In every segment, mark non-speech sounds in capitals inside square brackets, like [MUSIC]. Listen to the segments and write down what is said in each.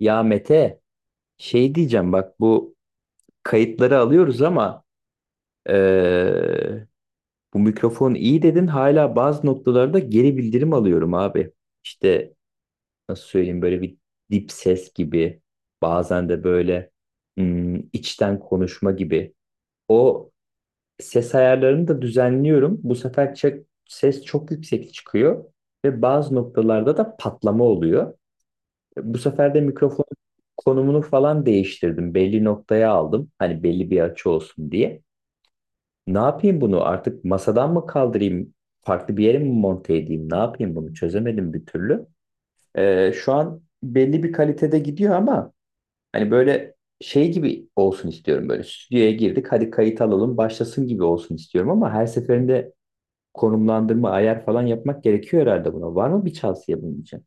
Ya Mete, şey diyeceğim bak bu kayıtları alıyoruz ama eee, bu mikrofon iyi dedin hala bazı noktalarda geri bildirim alıyorum abi. İşte nasıl söyleyeyim, böyle bir dip ses gibi, bazen de böyle içten konuşma gibi. O ses ayarlarını da düzenliyorum. Bu sefer ses çok yüksek çıkıyor ve bazı noktalarda da patlama oluyor. Bu sefer de mikrofon konumunu falan değiştirdim. Belli noktaya aldım. Hani belli bir açı olsun diye. Ne yapayım bunu? Artık masadan mı kaldırayım? Farklı bir yere mi monte edeyim? Ne yapayım bunu? Çözemedim bir türlü. Şu an belli bir kalitede gidiyor ama hani böyle şey gibi olsun istiyorum böyle. Stüdyoya girdik, hadi kayıt alalım, başlasın gibi olsun istiyorum ama her seferinde konumlandırma, ayar falan yapmak gerekiyor herhalde buna. Var mı bir tavsiye bunun için?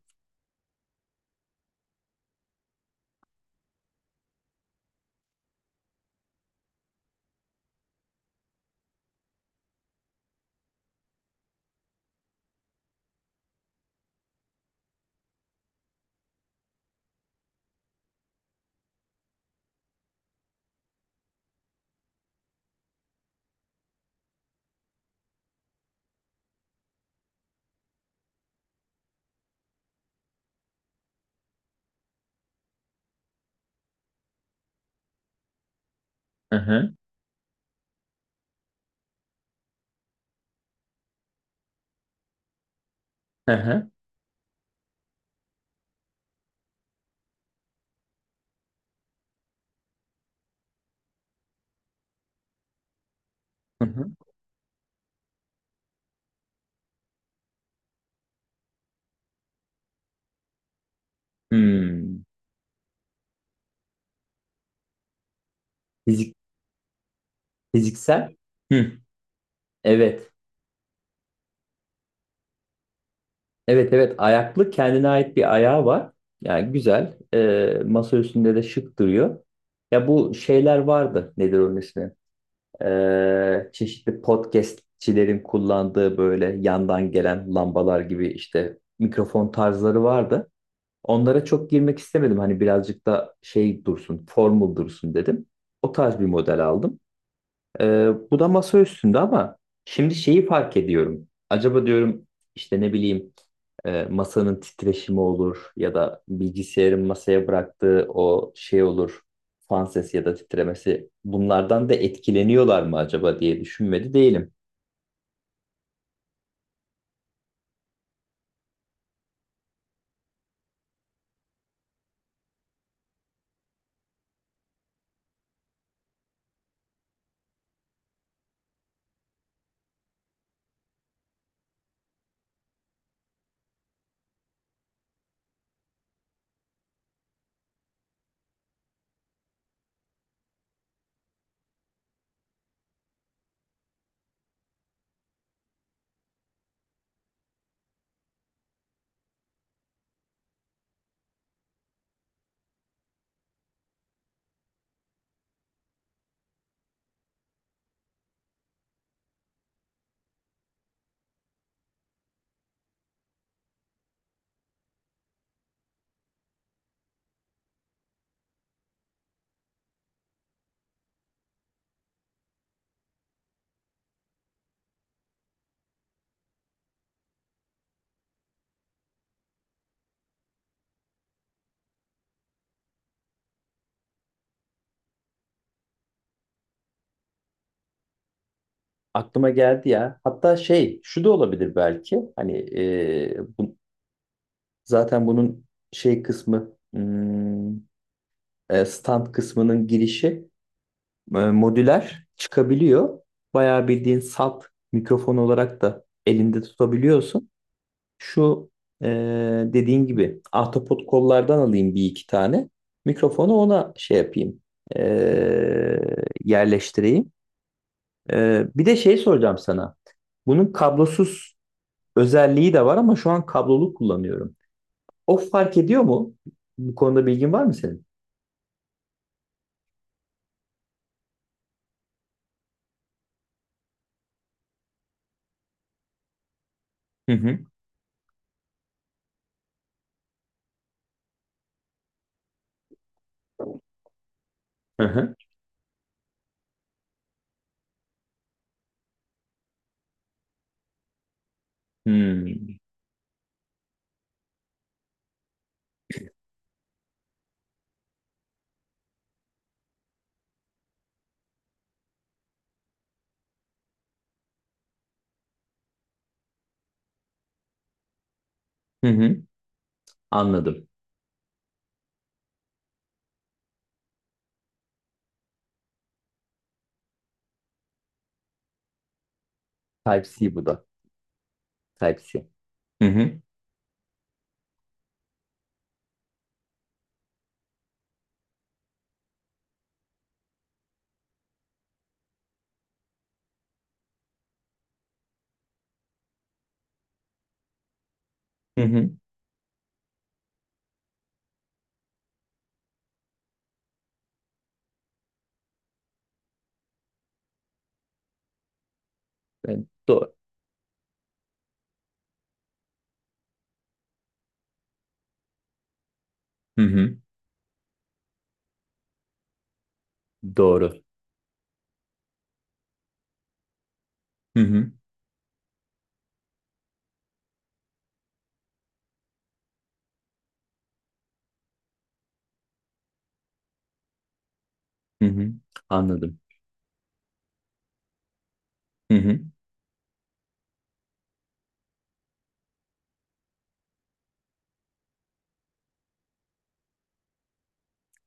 Hı hı. Hı hı. Hı hı. Hmm. Fiziksel. Hı. Evet. Evet evet, ayaklı, kendine ait bir ayağı var. Yani güzel. Masa üstünde de şık duruyor. Ya bu şeyler vardı. Nedir onun ismi? Çeşitli podcastçilerin kullandığı böyle yandan gelen lambalar gibi, işte mikrofon tarzları vardı. Onlara çok girmek istemedim. Hani birazcık da şey dursun, formal dursun dedim. O tarz bir model aldım. Bu da masa üstünde ama şimdi şeyi fark ediyorum. Acaba diyorum, işte ne bileyim, masanın titreşimi olur ya da bilgisayarın masaya bıraktığı o şey olur. Fan sesi ya da titremesi, bunlardan da etkileniyorlar mı acaba diye düşünmedi değilim. Aklıma geldi ya. Hatta şey, şu da olabilir belki. Hani e, bu, zaten bunun şey kısmı stand kısmının girişi modüler çıkabiliyor. Bayağı bildiğin salt mikrofon olarak da elinde tutabiliyorsun. Şu e, dediğin gibi ahtapot kollardan alayım bir iki tane. Mikrofonu ona şey yapayım, e, yerleştireyim. Bir de şey soracağım sana. Bunun kablosuz özelliği de var ama şu an kablolu kullanıyorum. O fark ediyor mu? Bu konuda bilgin var mı senin? Hı hı. Hı hı. Hmm. Hı hı. Anladım. Type-C bu da. Type-C. Hı hı. Hı hı. Ben doğru. Hı hı. Doğru. Hı hı. Hı hı. Anladım. Hı hı.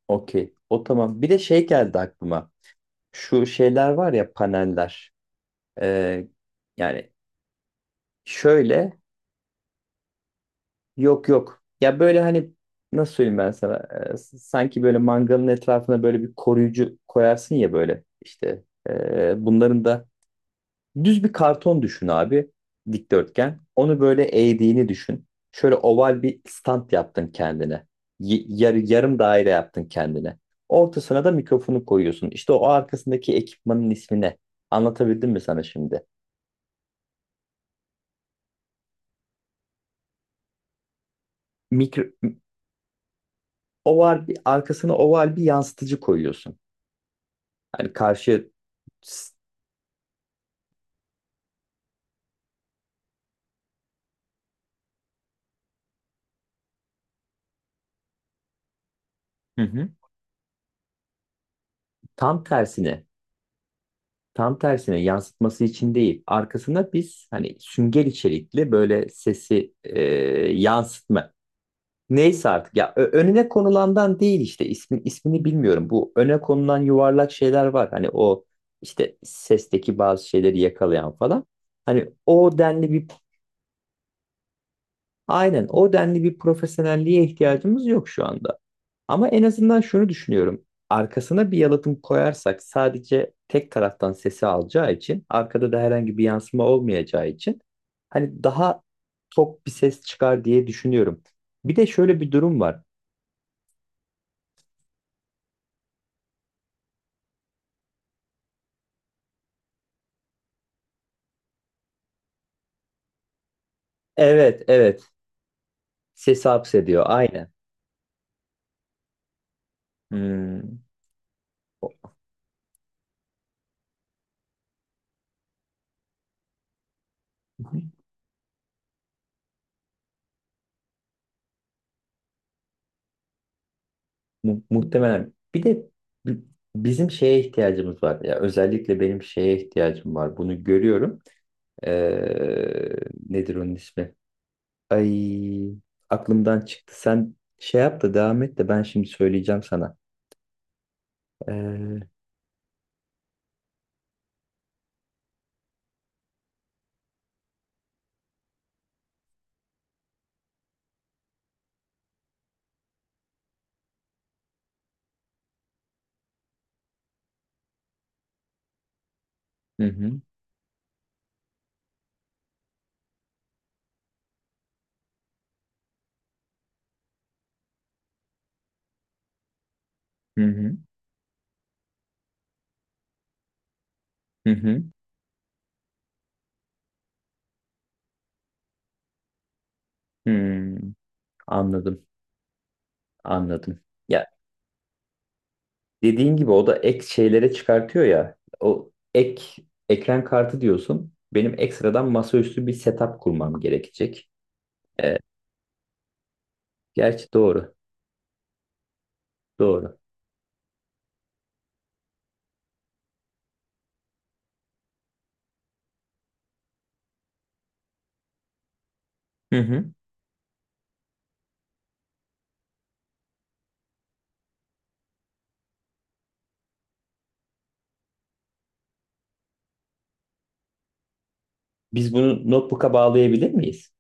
Okey. O tamam. Bir de şey geldi aklıma. Şu şeyler var ya, paneller. Ee, Yani şöyle, yok yok. Ya böyle, hani nasıl söyleyeyim ben sana? Sanki böyle mangalın etrafına böyle bir koruyucu koyarsın ya böyle, işte. Bunların da düz bir karton düşün abi. Dikdörtgen. Onu böyle eğdiğini düşün. Şöyle oval bir stand yaptın kendine. Yarım daire yaptın kendine. Ortasına da mikrofonu koyuyorsun. İşte o arkasındaki ekipmanın ismi ne? Anlatabildim mi sana şimdi? Mikro, oval bir, arkasına oval bir yansıtıcı koyuyorsun. Hani karşı. Hı hı. Tam tersine, tam tersine yansıtması için değil. Arkasına biz hani sünger içerikli, böyle sesi yansıtma. Neyse artık ya, önüne konulandan değil, işte ismini bilmiyorum. Bu öne konulan yuvarlak şeyler var. Hani o işte sesteki bazı şeyleri yakalayan falan. Hani o denli bir, aynen o denli bir profesyonelliğe ihtiyacımız yok şu anda. Ama en azından şunu düşünüyorum. Arkasına bir yalıtım koyarsak, sadece tek taraftan sesi alacağı için, arkada da herhangi bir yansıma olmayacağı için hani daha tok bir ses çıkar diye düşünüyorum. Bir de şöyle bir durum var. Evet, evet. Sesi hapsediyor. Aynen. Hmm. O- Muhtemelen. Bir de bi- bizim şeye ihtiyacımız var. Ya özellikle benim şeye ihtiyacım var. Bunu görüyorum. Ee, Nedir onun ismi? Ay, aklımdan çıktı. Sen şey yap da devam et, de ben şimdi söyleyeceğim sana. Ee, hı hı, hı hı, hı hı. Hmm, anladım, anladım. Ya, dediğin gibi o da ek şeylere çıkartıyor ya. O ek, ekran kartı diyorsun. Benim ekstradan masaüstü bir setup kurmam gerekecek. Evet, gerçi doğru. Doğru. Hı hı. Biz bunu notebook'a bağlayabilir miyiz?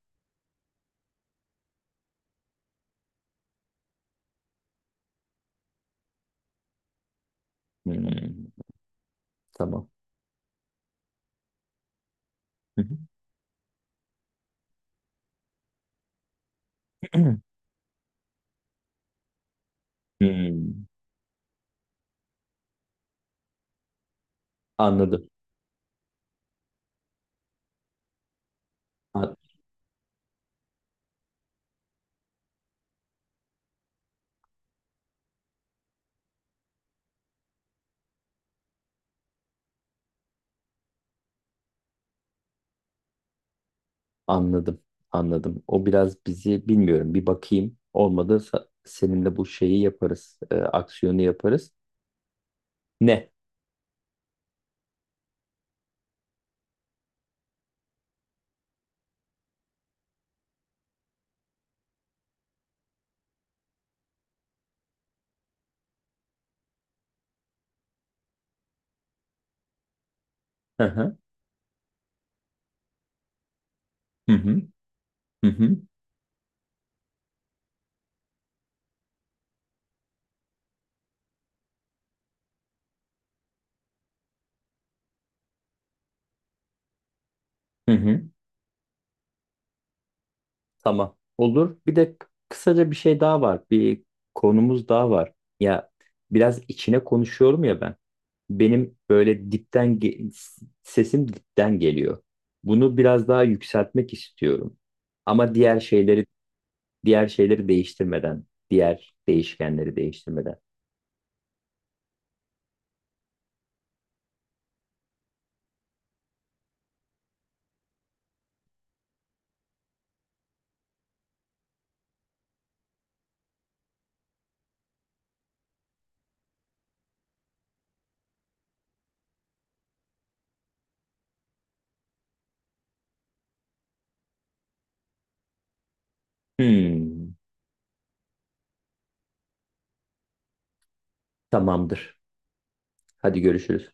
Hmm, tamam. Hı hı. [CLEARS THROAT] Hmm, anladım. A- anladım. Anladım. O biraz bizi, bilmiyorum. Bir bakayım. Olmadı seninle bu şeyi yaparız. Aksiyonu yaparız. Ne? Hı hı. Hı hı. Hı hı. Hı hı. Tamam. Olur. Bir de kısaca bir şey daha var. Bir konumuz daha var. Ya, biraz içine konuşuyorum ya ben. Benim böyle sesim dipten geliyor. Bunu biraz daha yükseltmek istiyorum. Ama diğer şeyleri, diğer şeyleri değiştirmeden, diğer değişkenleri değiştirmeden. Hmm, tamamdır. Hadi görüşürüz.